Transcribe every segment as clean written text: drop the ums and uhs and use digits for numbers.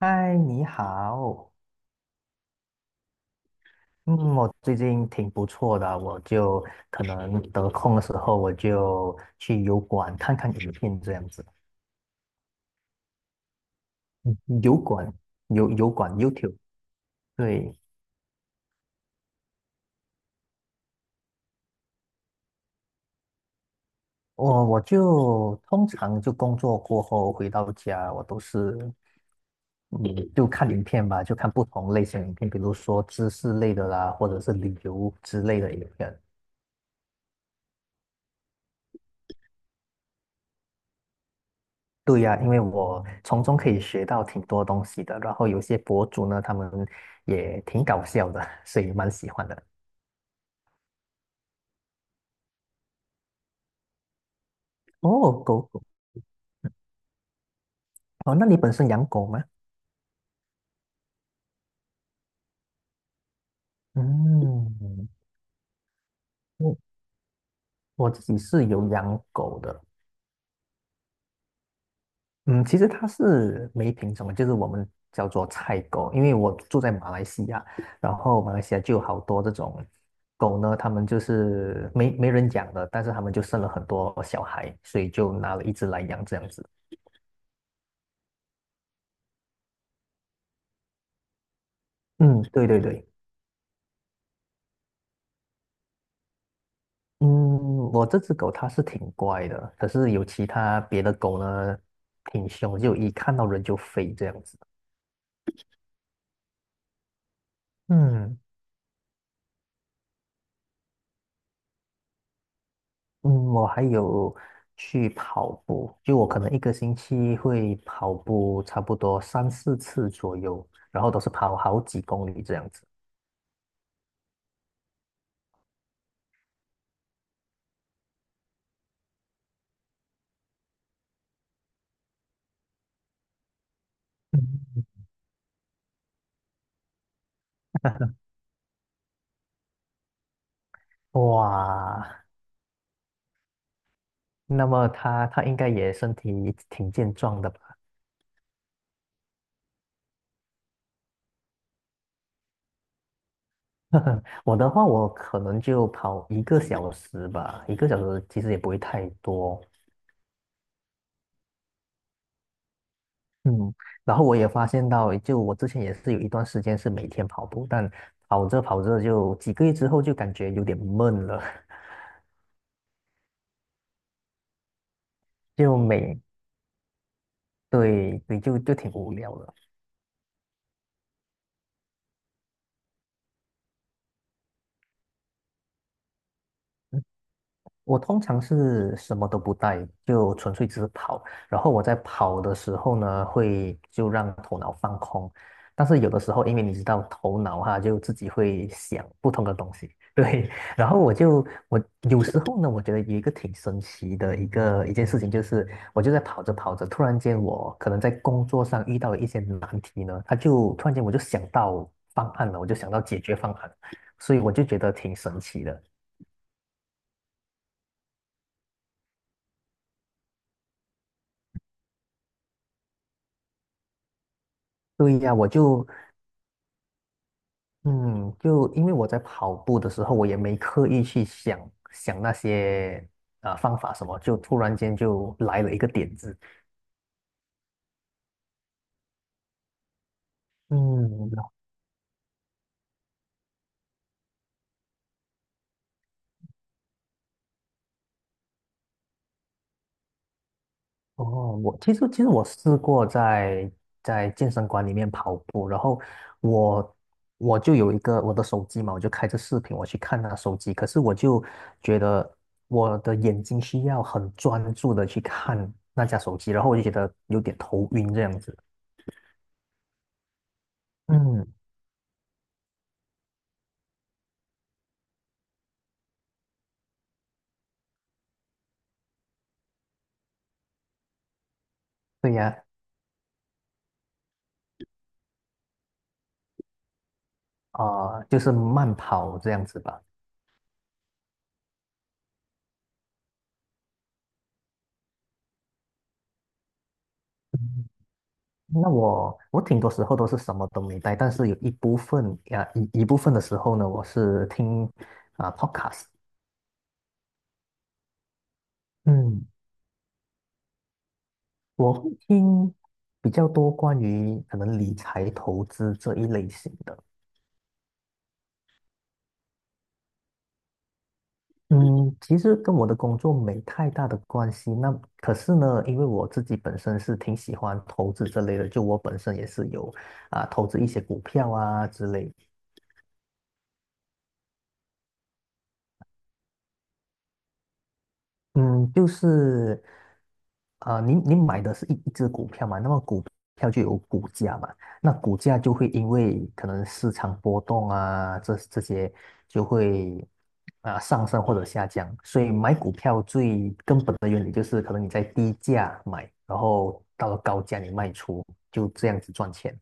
嗨，你好。嗯，我最近挺不错的，可能得空的时候，我就去油管看看影片这样子。油管，油管 YouTube。对，我就通常就工作过后回到家，我都是就看影片吧，就看不同类型的影片，比如说知识类的啦，或者是旅游之类的影片。对呀，因为我从中可以学到挺多东西的，然后有些博主呢，他们也挺搞笑的，所以蛮喜欢的。哦，狗狗，哦，那你本身养狗吗？嗯，我我自己是有养狗的。嗯，其实它是没品种的就是我们叫做菜狗，因为我住在马来西亚，然后马来西亚就有好多这种狗呢，它们就是没人养的，但是它们就生了很多小孩，所以就拿了一只来养这样子。嗯，对对对。嗯，我这只狗它是挺乖的，可是有其他别的狗呢，挺凶，就一看到人就飞这样子。嗯。嗯，我还有去跑步，就我可能1个星期会跑步差不多三四次左右，然后都是跑好几公里这样子。嗯。哇，那么它应该也身体挺健壮的吧？我的话，我可能就跑一个小时吧，一个小时其实也不会太多。嗯，然后我也发现到，就我之前也是有一段时间是每天跑步，但跑着跑着就几个月之后就感觉有点闷了。就每，对对，就挺无聊的。我通常是什么都不带，就纯粹只是跑。然后我在跑的时候呢，会就让头脑放空。但是有的时候，因为你知道头脑哈，就自己会想不同的东西。对。然后我有时候呢，我觉得有一个挺神奇的一件事情，就是我就在跑着跑着，突然间我可能在工作上遇到了一些难题呢，他就突然间我就想到方案了，我就想到解决方案，所以我就觉得挺神奇的。对呀，嗯，就因为我在跑步的时候，我也没刻意去想想那些方法什么，就突然间就来了一个点子。嗯，然后我其实其实我试过在健身馆里面跑步，然后我我就有一个我的手机嘛，我就开着视频我去看那手机，可是我就觉得我的眼睛需要很专注的去看那架手机，然后我就觉得有点头晕这样子。嗯，对呀。啊、就是慢跑这样子吧。那我挺多时候都是什么都没带，但是有一部分呀、一部分的时候呢，我是听啊、podcast。嗯，我会听比较多关于可能理财投资这一类型的。嗯，其实跟我的工作没太大的关系。那可是呢，因为我自己本身是挺喜欢投资这类的，就我本身也是有啊、投资一些股票啊之类。嗯，就是，呃，您买的是一只股票嘛，那么股票就有股价嘛，那股价就会因为可能市场波动啊，这些就会啊、上升或者下降，所以买股票最根本的原理就是，可能你在低价买，然后到了高价你卖出，就这样子赚钱。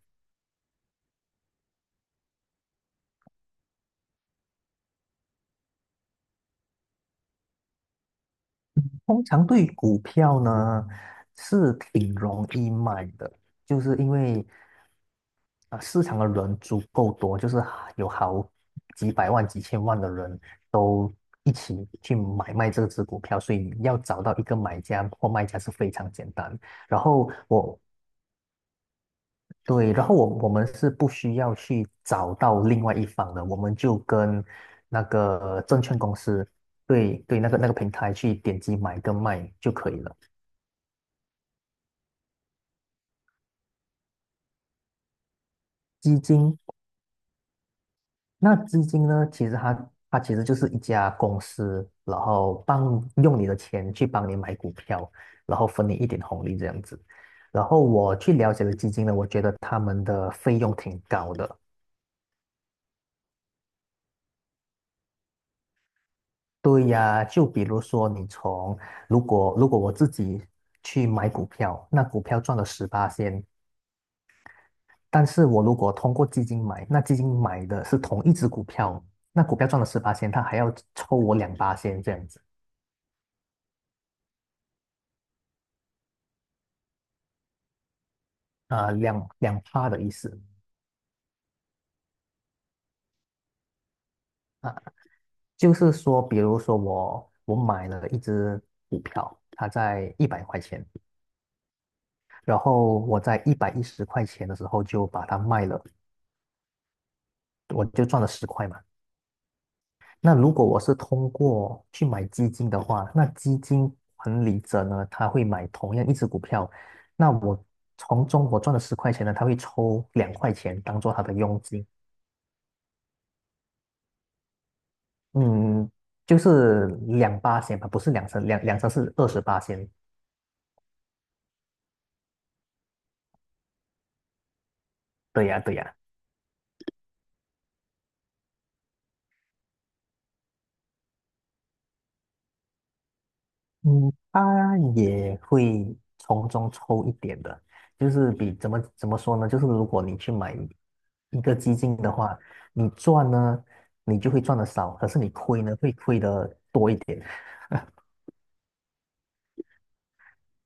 通常对于股票呢，是挺容易卖的，就是因为啊，市场的人足够多，就是有好几百万、几千万的人都一起去买卖这只股票，所以要找到一个买家或卖家是非常简单。然后我对，然后我我们是不需要去找到另外一方的，我们就跟那个证券公司，对，对，那个平台去点击买跟卖就可以了。基金，那基金呢，其实它其实就是一家公司，然后帮用你的钱去帮你买股票，然后分你一点红利这样子。然后我去了解了基金呢，我觉得他们的费用挺高的。对呀，就比如说你从如果我自己去买股票，那股票赚了十八仙，但是我如果通过基金买，那基金买的是同一只股票，那股票赚了十八仙，它还要抽我两八仙这样子。啊、呃两趴的意思。就是说，比如说我买了一只股票，它在100块钱，然后我在110块钱的时候就把它卖了，我就赚了十块嘛。那如果我是通过去买基金的话，那基金管理者呢，他会买同样一只股票，那从中我赚了十块钱呢，他会抽2块钱当做他的佣金。嗯，就是两八仙吧，不是两成，两成是28仙。对呀，对呀。嗯，他也会从中抽一点的，就是比怎么说呢？就是如果你去买一个基金的话，你赚呢，你就会赚的少，可是你亏呢，会亏的多一点。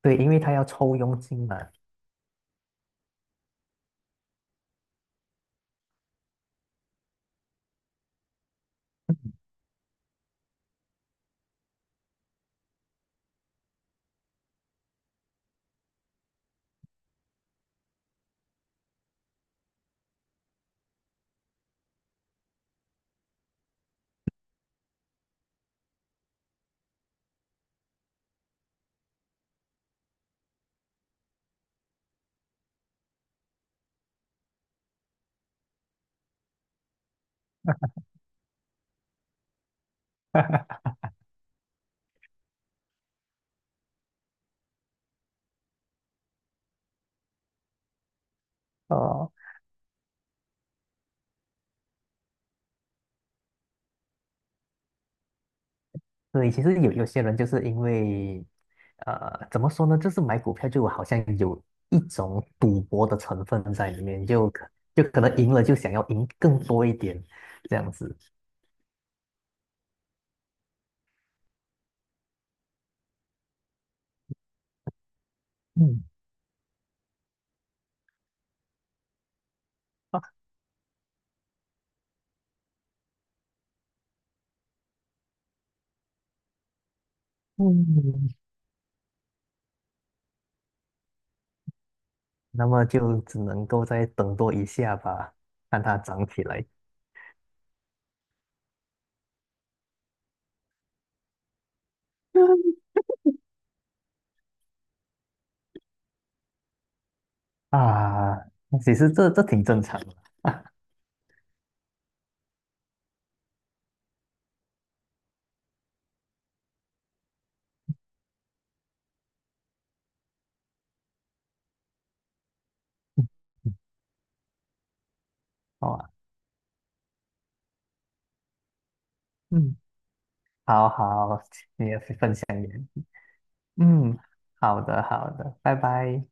对，因为他要抽佣金嘛。哦，对，其实有些人就是因为，呃，怎么说呢？就是买股票就好像有一种赌博的成分在里面，就可能赢了就想要赢更多一点，这样子。嗯。嗯，那么就只能够再等多一下吧，看它长起来。 啊。其实这挺正常的，好吧？嗯，好好，你也分享一你，嗯，好的好的，拜拜。